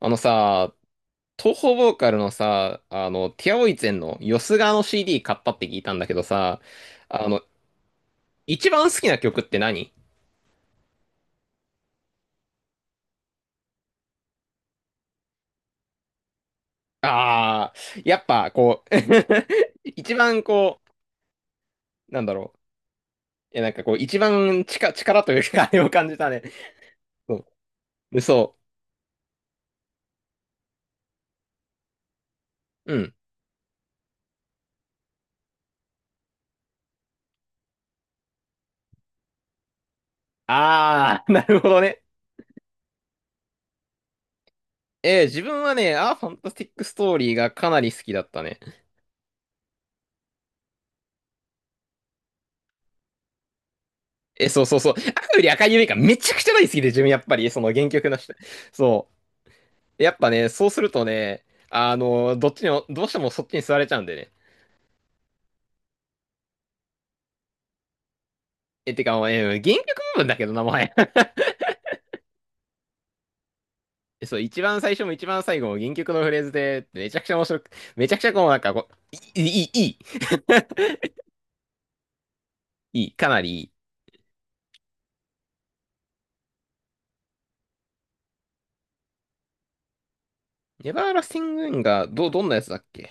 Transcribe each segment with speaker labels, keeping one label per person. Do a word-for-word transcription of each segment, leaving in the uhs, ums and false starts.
Speaker 1: あのさ、東方ボーカルのさ、あの、ティアオイツェンのよすがの シーディー 買ったって聞いたんだけどさ、あの、一番好きな曲って何？ああー、やっぱこう、 一番こう、なんだろう。いや、なんかこう、一番力、力というか、あれを感じたね。そう。でそう。うん。ああ、なるほどね。えー自分はね、あー、ファンタスティックストーリーがかなり好きだったね。え、そうそうそう。赤より赤い夢がめちゃくちゃ大好きで、自分やっぱり、その原曲の人。そう。やっぱね、そうするとね、あの、どっちにも、どうしてもそっちに座れちゃうんでね。え、てか、もう、え、原曲部分だけどな、もはや。そう、一番最初も一番最後も原曲のフレーズで、めちゃくちゃ面白く、めちゃくちゃこう、なんかこう、いい、いい、いい、いい、かなりいい。ネバーラスティングインが、ど、どんなやつだっけ？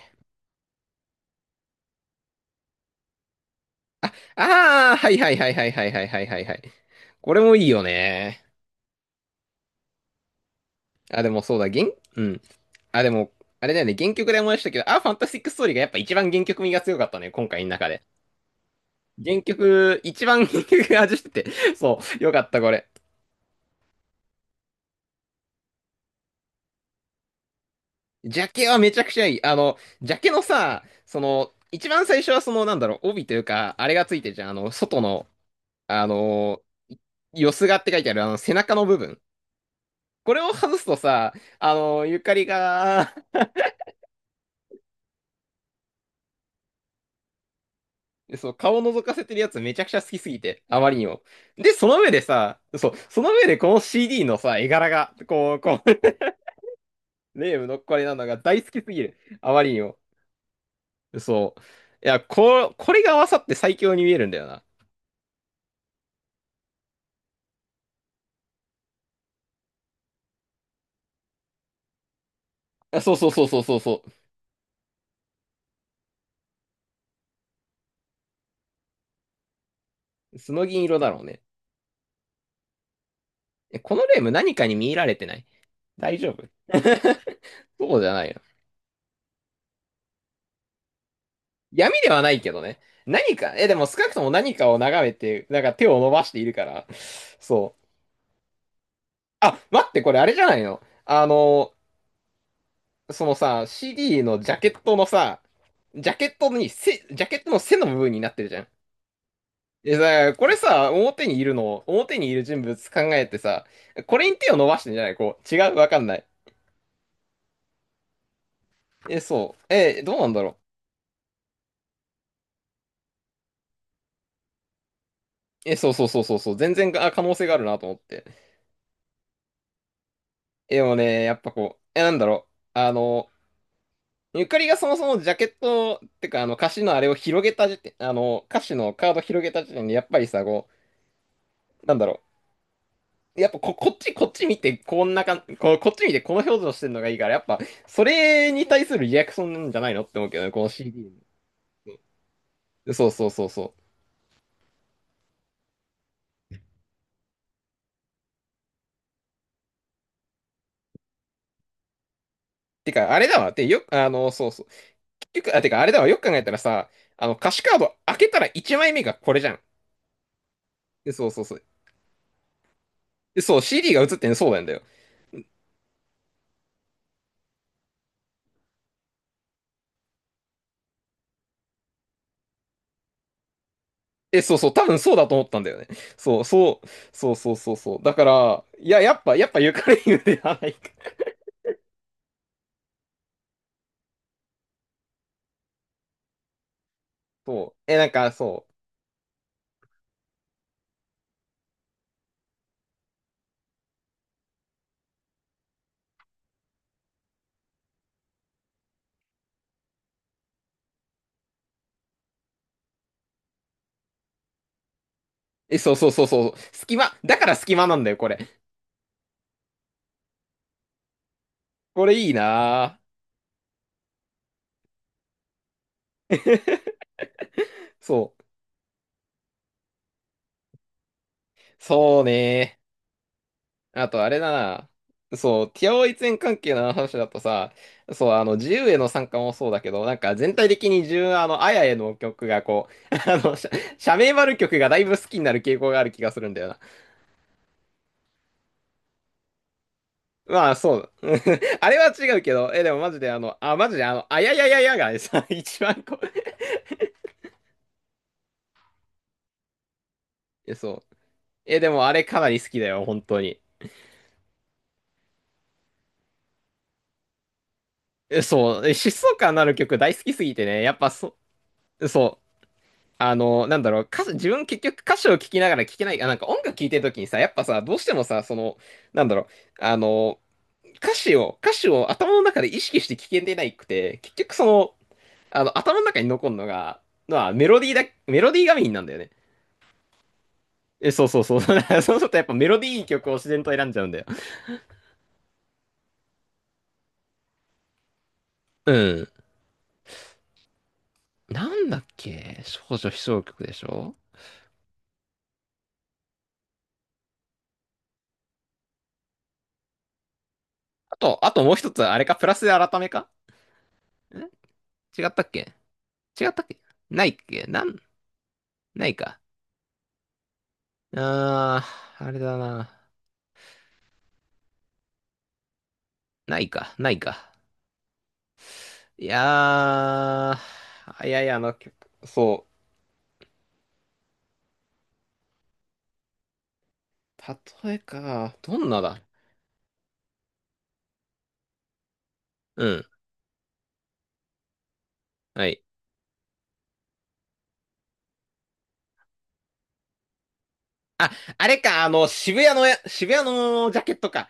Speaker 1: あ、あーはいはいはいはいはいはいはいはいはい。これもいいよね。あ、でもそうだ、原、うん。あ、でも、あれだよね、原曲で思い出したけど、あ、ファンタスティックストーリーがやっぱ一番原曲味が強かったね、今回の中で。原曲、一番 原曲が味してて、そう、よかった、これ。ジャケはめちゃくちゃいい。あの、ジャケのさ、その、一番最初はその、なんだろう、帯というか、あれがついてるじゃん。あの、外の、あの、よすがって書いてある、あの、背中の部分。これを外すとさ、あの、ゆかりが、そう、顔を覗かせてるやつめちゃくちゃ好きすぎて、あまりにも。で、その上でさ、そう、その上でこの シーディー のさ、絵柄が、こう、こう、レイムのこれなのが大好きすぎる。あまりにも。そう。いや、こ、これが合わさって最強に見えるんだよな。あ、そうそうそうそうそうそう。スノ銀色だろうね。え、このレーム何かに見入られてない？大丈夫？ そうじゃないよ。闇ではないけどね。何か、え、でも少なくとも何かを眺めて、なんか手を伸ばしているから。そう。あ、待って、これあれじゃないの？あの、そのさ、シーディー のジャケットのさ、ジャケットにせ、ジャケットの背の部分になってるじゃん。え、だからこれさ、表にいるの、表にいる人物考えてさ、これに手を伸ばしてんじゃない？こう、違う、わかんない。え、そう。え、どうなんだろう。え、そうそうそうそうそう、全然あ可能性があるなと思って。え、でもね、やっぱこう、え、なんだろう。あの、ゆかりがそもそもジャケット、ってか、あの、歌詞のあれを広げた時点、あの、歌詞のカード広げた時点で、やっぱりさ、こう、なんだろう。やっぱこ、こっち、こっち見て、こんなかん、こ、こっち見て、この表情してんのがいいから、やっぱ、それに対するリアクションなんじゃないのって思うけどね、この シーディー。そうそうそうそう。てか、あれだわ。てよ、あの、そうそう。結局、あ、てか、あれだわ。よく考えたらさ、あの、歌詞カード開けたらいちまいめがこれじゃん。で、そうそうそう。で、そう、シーディー が映ってんのそうなんだよ。え、そうそう、多分そうだと思ったんだよね。そう、そう、そうそうそうそう。だから、いや、やっぱ、やっぱゆかり言うではないか。そう。え、なんか、そう。え、そうそうそうそう。隙間、だから隙間なんだよ、これ。これいいなぁ。そう。そうね。あとあれだな。そう、ティアオイツェン関係の話だとさ、そう、あの、自由への参加もそうだけど、なんか全体的に自分、あの、あやへの曲がこう、あの、シャ、シャメイバル曲がだいぶ好きになる傾向がある気がするんだよな。まあ、そう。あれは違うけど、え、でもマジであの、あ、マジであの、あややややがさ、一番こう、え、そう。え、でもあれかなり好きだよ、本当に。え、そう。え、疾走感のある曲大好きすぎてね、やっぱそ、そう。あの、なんだろう、歌詞、自分結局歌詞を聞きながら聞けない、あ、なんか音楽聴いてる時にさ、やっぱさ、どうしてもさ、その、なんだろう、あの、歌詞を、歌詞を頭の中で意識して聞けてないくて、結局その、あの、頭の中に残るのが、まあ、メロディーだ、メロディーがメインなんだよね。え、そうそうそう。そうするとやっぱメロディー曲を自然と選んじゃうんだよ。うん。なんだっけ少女悲唱曲でしょ？あと、あともう一つ、あれか、プラスで改めかん？違ったっけ？違ったっけ？ないっけなん、ないか。ああ、あれだな。ないか、ないか。いやー、あいやいや、あの、そう。例えか、どんなだ。うん、はい。あ、あれか、あの、渋谷のや、渋谷のジャケットか。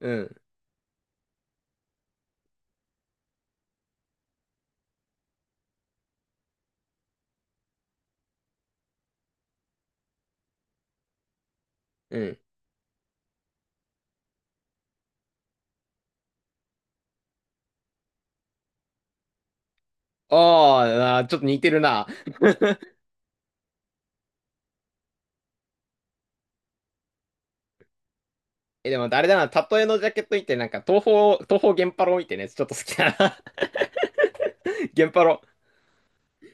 Speaker 1: うん、うん。あーあー、ちょっと似てるな。え、でも、あれだな、例えのジャケット見て、なんか、東方、東方源パロ見てね、ちょっと好きだな。源パロ。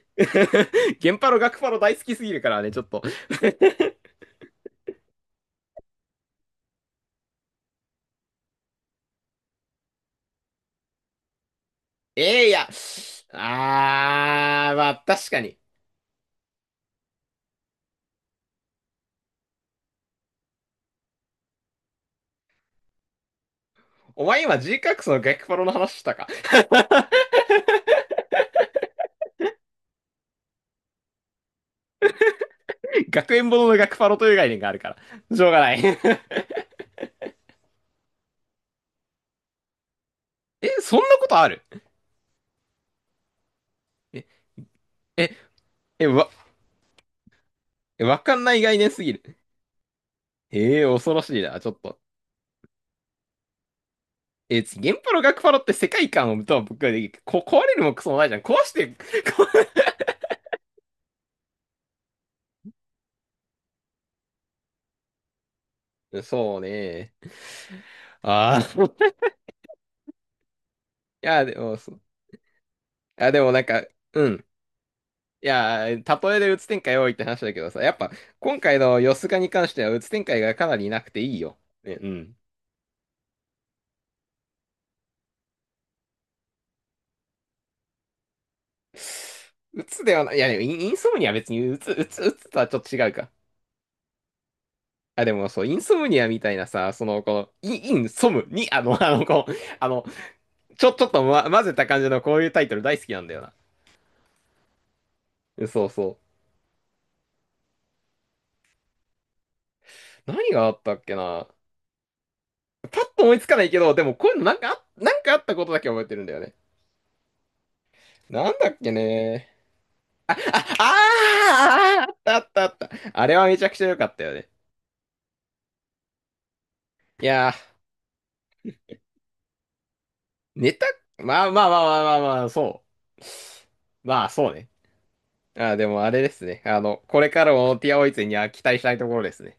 Speaker 1: 源パロ、学パロ大好きすぎるからね、ちょっと。えーいや、あー、まあ、確かに。お前今 G カックスの学パロの話したか？ 学園ものの学パロという概念があるから。しょうがない。 え、そんなことある？え、え、え、わ、わかんない概念すぎる。ええー、恐ろしいな、ちょっと。え、原パロ学パロって世界観をとは僕はできる。こ、壊れるもクソもないじゃん。壊して、壊れ、そうね。ああ。いや、でも、そう。いや、でもなんか、うん。いやー、例えでうつ展開多いって話だけどさ、やっぱ今回のヨスがに関してはうつ展開がかなりなくていいよ。ね、うん。うつではない、いや、でも、インインソムニアは別にうつ、うつ、うつとはちょっと違うか。あ、でもそう、インソムニアみたいなさ、その、この、イン、インソムに、あの、あの、こう、あの、ちょ、ちょっと、ま、混ぜた感じのこういうタイトル大好きなんだよな。えそうそう。何があったっけな。パッと思いつかないけど、でもこういうのなんかあ、なんかあったことだけ覚えてるんだよね。なんだっけね。ああーあー、あったあったあった。あれはめちゃくちゃ良かったよね。いやー、ネタ、まあまあまあまあまあまあ、そう。まあそうね。あー、でもあれですね。あの、これからもティアオイツには期待したいところですね。